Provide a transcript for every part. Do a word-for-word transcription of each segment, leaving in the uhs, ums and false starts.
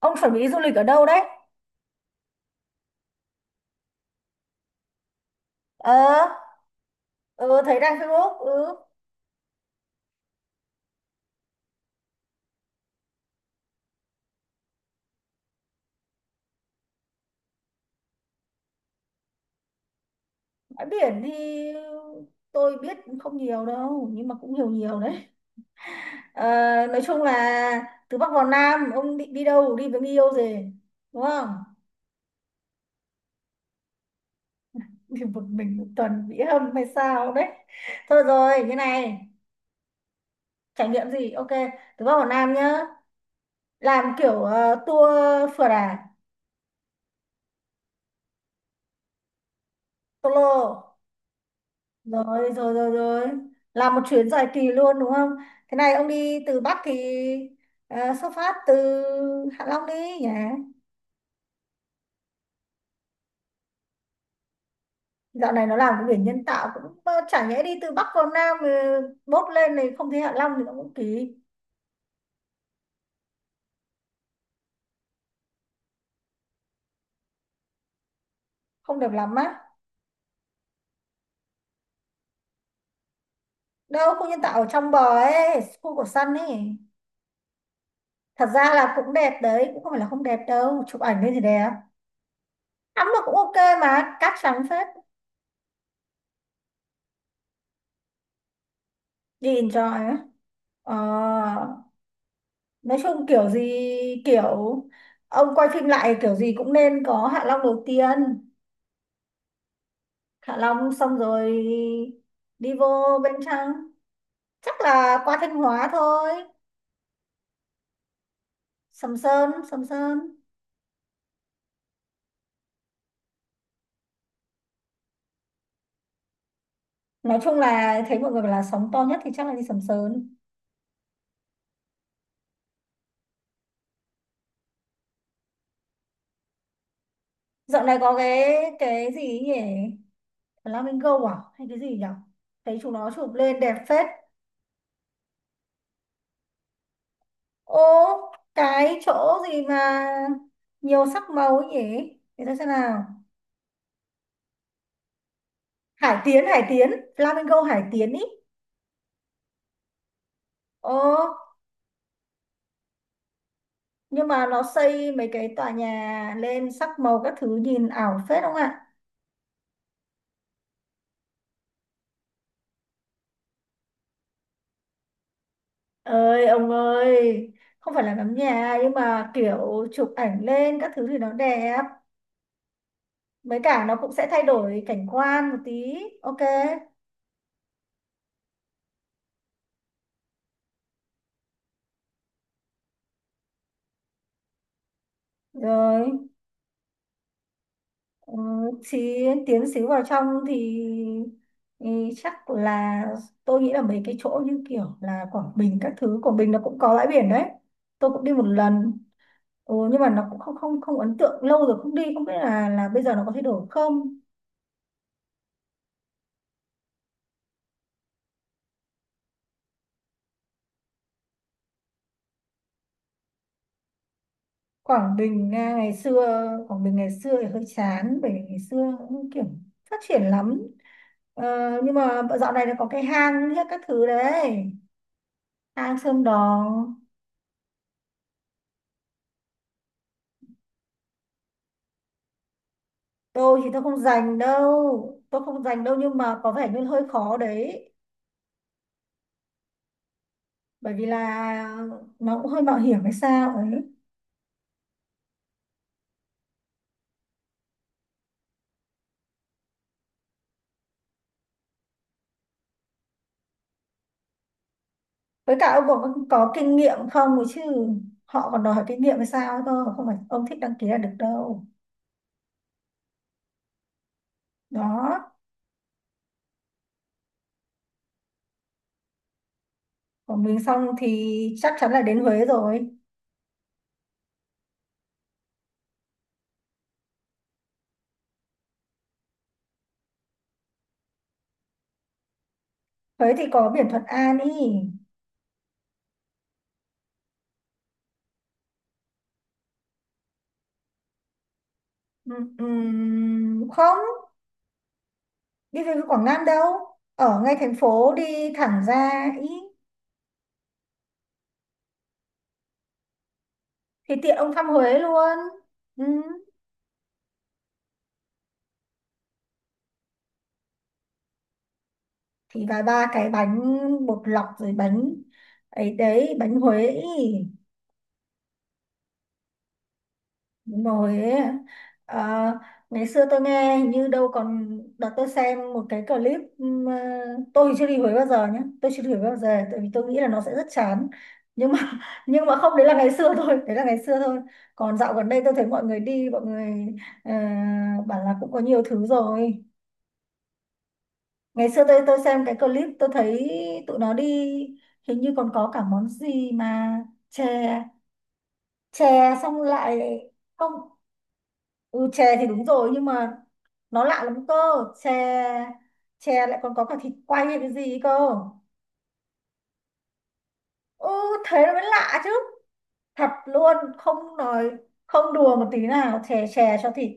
Ông chuẩn bị đi du lịch ở đâu đấy? Ờ, ờ, thấy đăng Facebook, ừ. Bãi biển thì tôi biết không nhiều đâu nhưng mà cũng nhiều nhiều đấy. Ờ, nói chung là từ Bắc vào Nam, ông định đi đâu, đi với người yêu gì đúng không? Đi một mình một tuần bị hâm hay sao đấy? Thôi rồi, như này. Trải nghiệm gì, ok, từ Bắc vào Nam nhá. Làm kiểu ờ, tour, phượt à? Solo. Rồi rồi rồi rồi, làm một chuyến dài kỳ luôn đúng không? Thế này, ông đi từ Bắc thì ờ, xuất phát từ Hạ Long đi nhỉ. Dạo này nó làm cái biển nhân tạo cũng, ờ, chả nhẽ đi từ Bắc vào Nam ờ, bốt lên này không thấy Hạ Long thì nó cũng kỳ. Không đẹp lắm á? Đâu, khu nhân tạo ở trong bờ ấy, khu của Sun ấy. Thật ra là cũng đẹp đấy, cũng không phải là không đẹp đâu, chụp ảnh lên thì đẹp. Tắm là cũng ok, mà cát trắng phết. Đi enjoy á? Ờ. Nói chung kiểu gì, kiểu ông quay phim lại kiểu gì cũng nên có Hạ Long đầu tiên. Hạ Long xong rồi đi vô bên trong, chắc là qua Thanh Hóa thôi. Sầm Sơn, Sầm Sơn. Nói chung là thấy mọi người bảo là sóng to nhất thì chắc là đi Sầm Sơn. Dạo này có cái cái gì ấy nhỉ, Flamingo à hay cái gì nhỉ? Thấy chúng nó chụp lên đẹp phết. Ô, cái chỗ gì mà nhiều sắc màu ấy nhỉ? Để tôi xem nào. Hải Tiến, Hải Tiến, Flamingo Hải Tiến ý. ờ, nhưng mà nó xây mấy cái tòa nhà lên sắc màu các thứ nhìn ảo phết không ạ. Ơi ông ơi, không phải là ngắm nhà, nhưng mà kiểu chụp ảnh lên các thứ thì nó đẹp, với cả nó cũng sẽ thay đổi cảnh quan một tí. Ok. Rồi. Ừ, thì tiến xíu vào trong thì, thì chắc là tôi nghĩ là mấy cái chỗ như kiểu là Quảng Bình các thứ. Quảng Bình nó cũng có bãi biển đấy, tôi cũng đi một lần. Ừ, nhưng mà nó cũng không không không ấn tượng. Lâu rồi không đi, không biết là là bây giờ nó có thay đổi không. Quảng Bình à, ngày xưa Quảng Bình ngày xưa thì hơi chán, bởi vì ngày xưa cũng kiểu phát triển lắm. Ờ, nhưng mà dạo này nó có cái hang hết các thứ đấy. Hang Sơn Đòn. Tôi thì tôi không dành đâu, tôi không dành đâu, nhưng mà có vẻ như hơi khó đấy. Bởi vì là nó cũng hơi mạo hiểm hay sao ấy. Với cả ông có, có kinh nghiệm không ấy chứ? Họ còn đòi hỏi kinh nghiệm hay sao cơ, không phải ông thích đăng ký là được đâu. Đó. Của mình xong thì chắc chắn là đến Huế rồi. Huế thì có biển Thuận An ý. Ừm, ừm, không, đi về Quảng Nam đâu, ở ngay thành phố đi thẳng ra ý. Thì tiện ông thăm Huế luôn. Ừm, thì vài ba cái bánh bột lọc rồi bánh ấy đấy, bánh Huế ý. Đúng rồi ấy. Ờ, ngày xưa tôi nghe hình như đâu, còn đợt tôi xem một cái clip ừm, ờ, tôi thì chưa đi Huế bao giờ nhé, tôi chưa đi Huế bao giờ tại vì tôi nghĩ là nó sẽ rất chán. Nhưng mà nhưng mà không, đấy là ngày xưa thôi, đấy là ngày xưa thôi. Còn dạo gần đây tôi thấy mọi người đi, mọi người ờ, bảo là cũng có nhiều thứ rồi. Ngày xưa tôi tôi xem cái clip tôi thấy tụi nó đi, hình như còn có cả món gì mà chè, chè xong lại, không. Ừ, chè thì đúng rồi nhưng mà nó lạ lắm cơ. Chè, chè lại còn có cả thịt quay hay cái gì ấy cơ. Ừ, thế nó mới lạ chứ, thật luôn không nói, không đùa một tí nào, chè chè cho thịt.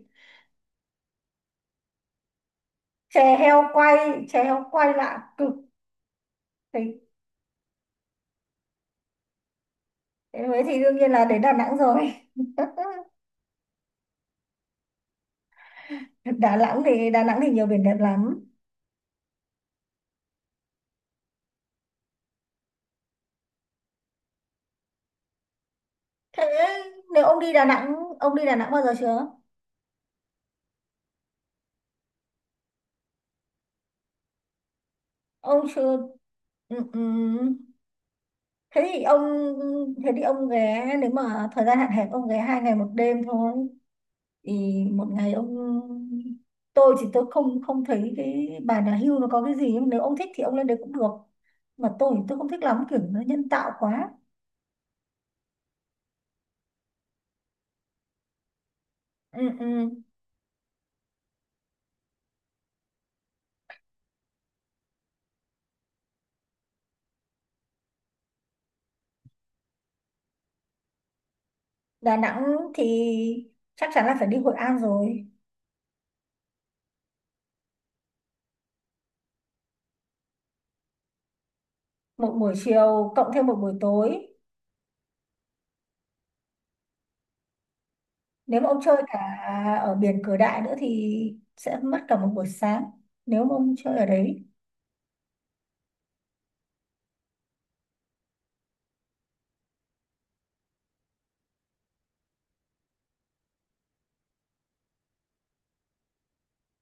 Chè heo quay, chè heo quay lạ cực. Thế, thế mới thì đương nhiên là đến Đà Nẵng rồi. Đà Nẵng thì Đà Nẵng thì nhiều biển đẹp lắm. Thế nếu ông đi Đà Nẵng, ông đi Đà Nẵng bao giờ chưa? Ông chưa, ừ, ừ. Thế thì ông, thế thì ông ghé nếu mà thời gian hạn hẹp ông ghé hai ngày một đêm thôi, thì một ngày ông. Tôi thì tôi không không thấy cái bà nhà hưu nó có cái gì, nhưng nếu ông thích thì ông lên đấy cũng được. Mà tôi thì tôi không thích lắm, kiểu nó nhân tạo quá. Ừ, ừ. Đà Nẵng thì chắc chắn là phải đi Hội An rồi. Một buổi chiều cộng thêm một buổi tối. Nếu mà ông chơi cả ở biển Cửa Đại nữa thì sẽ mất cả một buổi sáng, nếu mà ông chơi ở đấy.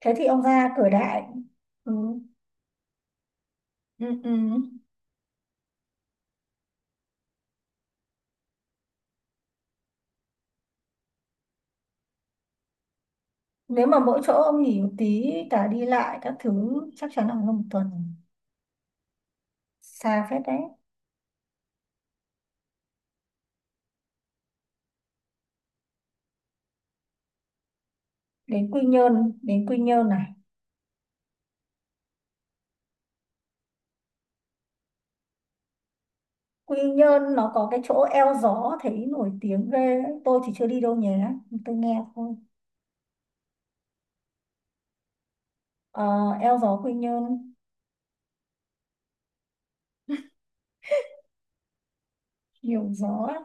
Thế thì ông ra Cửa Đại. Ừ. Ừ, ừ. Nếu mà mỗi chỗ ông nghỉ một tí cả đi lại các thứ chắc chắn là hơn một tuần, xa phết đấy. Đến Quy Nhơn, đến Quy Nhơn này. Quy Nhơn nó có cái chỗ eo gió thấy nổi tiếng ghê ấy. Tôi thì chưa đi đâu nhé, tôi nghe thôi. Ờ, eo gió Quy Nhơn nhiều gió lắm.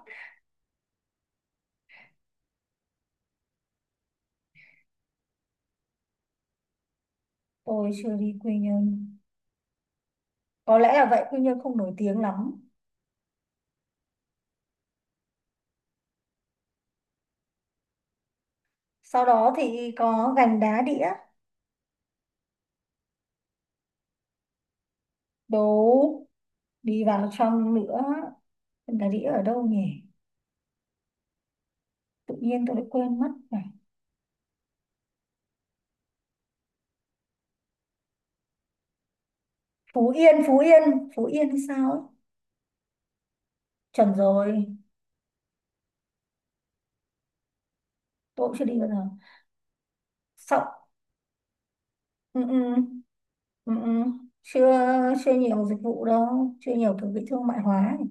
Tôi chưa đi Quy Nhơn, có lẽ là vậy, Quy Nhơn không nổi tiếng lắm. Sau đó thì có Gành Đá Đĩa. Đố, đi vào trong nữa. Em Đà Đĩa ở đâu nhỉ? Tự nhiên tôi lại quên mất này. Phú Yên, Phú Yên, Phú Yên hay sao ấy? Chuẩn rồi, tôi cũng chưa đi bao giờ. Sóc, ừ, ừ, ừ, ừ. Chưa, chưa nhiều dịch vụ đâu, chưa nhiều kiểu bị thương mại hóa ấy.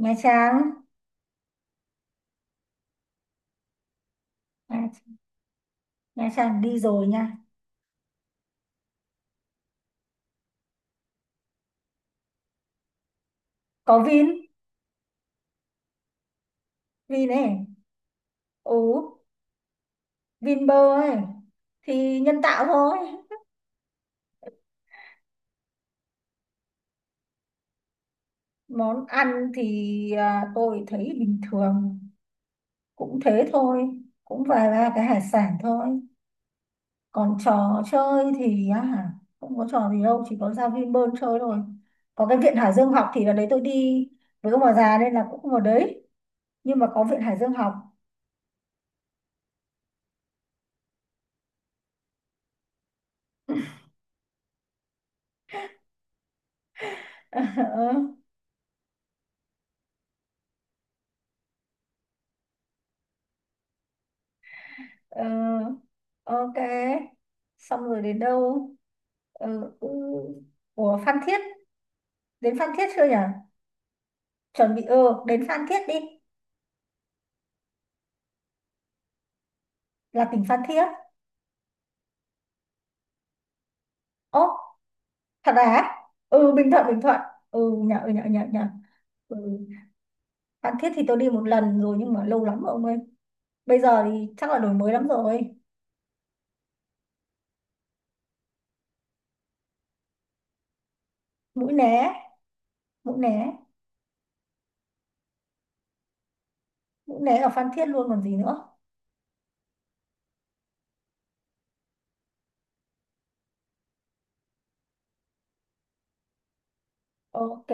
Nha Trang, Nha, Nha Trang đi rồi nha. Có Vin, Vin này, ừ, Vinpearl ấy. Thì nhân tạo thôi. Món ăn thì à, tôi thấy bình thường, cũng thế thôi, cũng vài ba cái hải sản thôi. Còn trò chơi thì á, không có trò gì đâu, chỉ có ra Vinpearl chơi thôi. Có cái viện Hải Dương học thì là đấy, tôi đi với ông bà già nên là cũng không vào đấy, nhưng mà có viện Hải Dương học. Ờ, ờ, ok. Xong rồi đến đâu? Ừ, ừ. Ủa, Phan Thiết, đến Phan Thiết chưa nhỉ? Chuẩn bị, ừ, đến Phan Thiết đi. Là tỉnh Phan Thiết. Ố, thật à? Ừ, Bình Thuận, Bình Thuận. Ừ nhở, ừ nhở, nhở, nhở. Ừ. Phan Thiết thì tôi đi một lần rồi nhưng mà lâu lắm rồi ông ơi. Bây giờ thì chắc là đổi mới lắm rồi. Mũi Né, Mũi Né. Mũi Né ở Phan Thiết luôn còn gì nữa. Ok.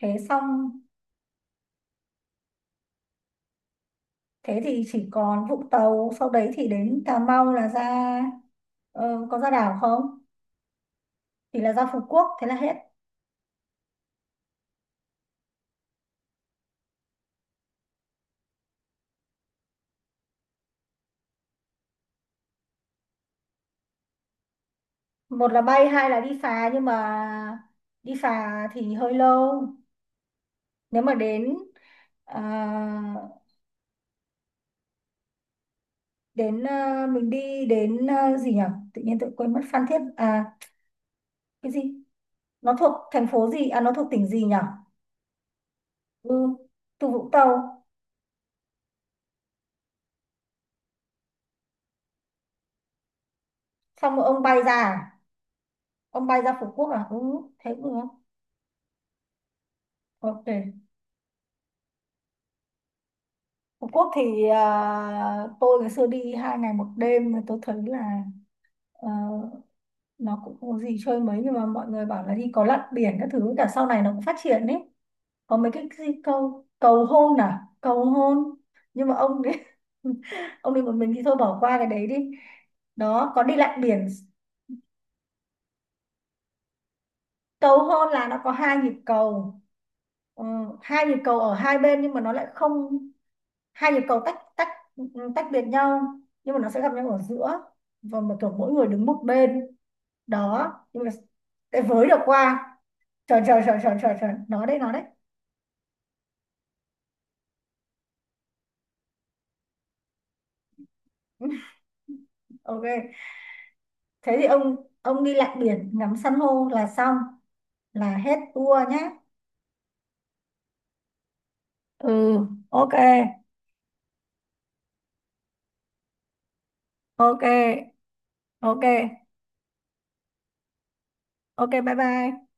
Thế xong, thế thì chỉ còn Vũng Tàu, sau đấy thì đến Cà Mau là ra. Ờ, có ra đảo không thì là ra Phú Quốc, thế là hết. Một là bay, hai là đi phà, nhưng mà đi phà thì hơi lâu. Nếu mà đến à, đến à, mình đi đến à, gì nhỉ, tự nhiên tôi quên mất Phan Thiết à, cái gì, nó thuộc thành phố gì à, nó thuộc tỉnh gì nhỉ. Ừ, từ Vũng Tàu, xong rồi ông bay ra à? Ông bay ra Phú Quốc à, ừ, thế cũng được. Ok. Phú Quốc thì à, tôi ngày xưa đi hai ngày một đêm tôi thấy là, ờ, nó cũng không có gì chơi mấy nhưng mà mọi người bảo là đi có lặn biển các thứ, cả sau này nó cũng phát triển đấy. Có mấy cái gì cầu, cầu hôn, à cầu hôn. Nhưng mà ông đi ông đi một mình thì thôi bỏ qua cái đấy đi. Đó, có đi lặn biển. Cầu hôn là nó có hai nhịp cầu. Ờ, hai nhịp cầu ở hai bên nhưng mà nó lại không, hai nhịp cầu tách tách, tách biệt nhau nhưng mà nó sẽ gặp nhau ở giữa. Và mà kiểu mỗi người đứng một bên. Đó, nhưng mà để với được qua, trời trời trời trời trời trời, nó đấy, nó đấy. Ok. Thế thì ông ông đi lặn biển ngắm san hô là xong, là hết tour nhé. Ừ, ok, ok, ok, ok, bye bye.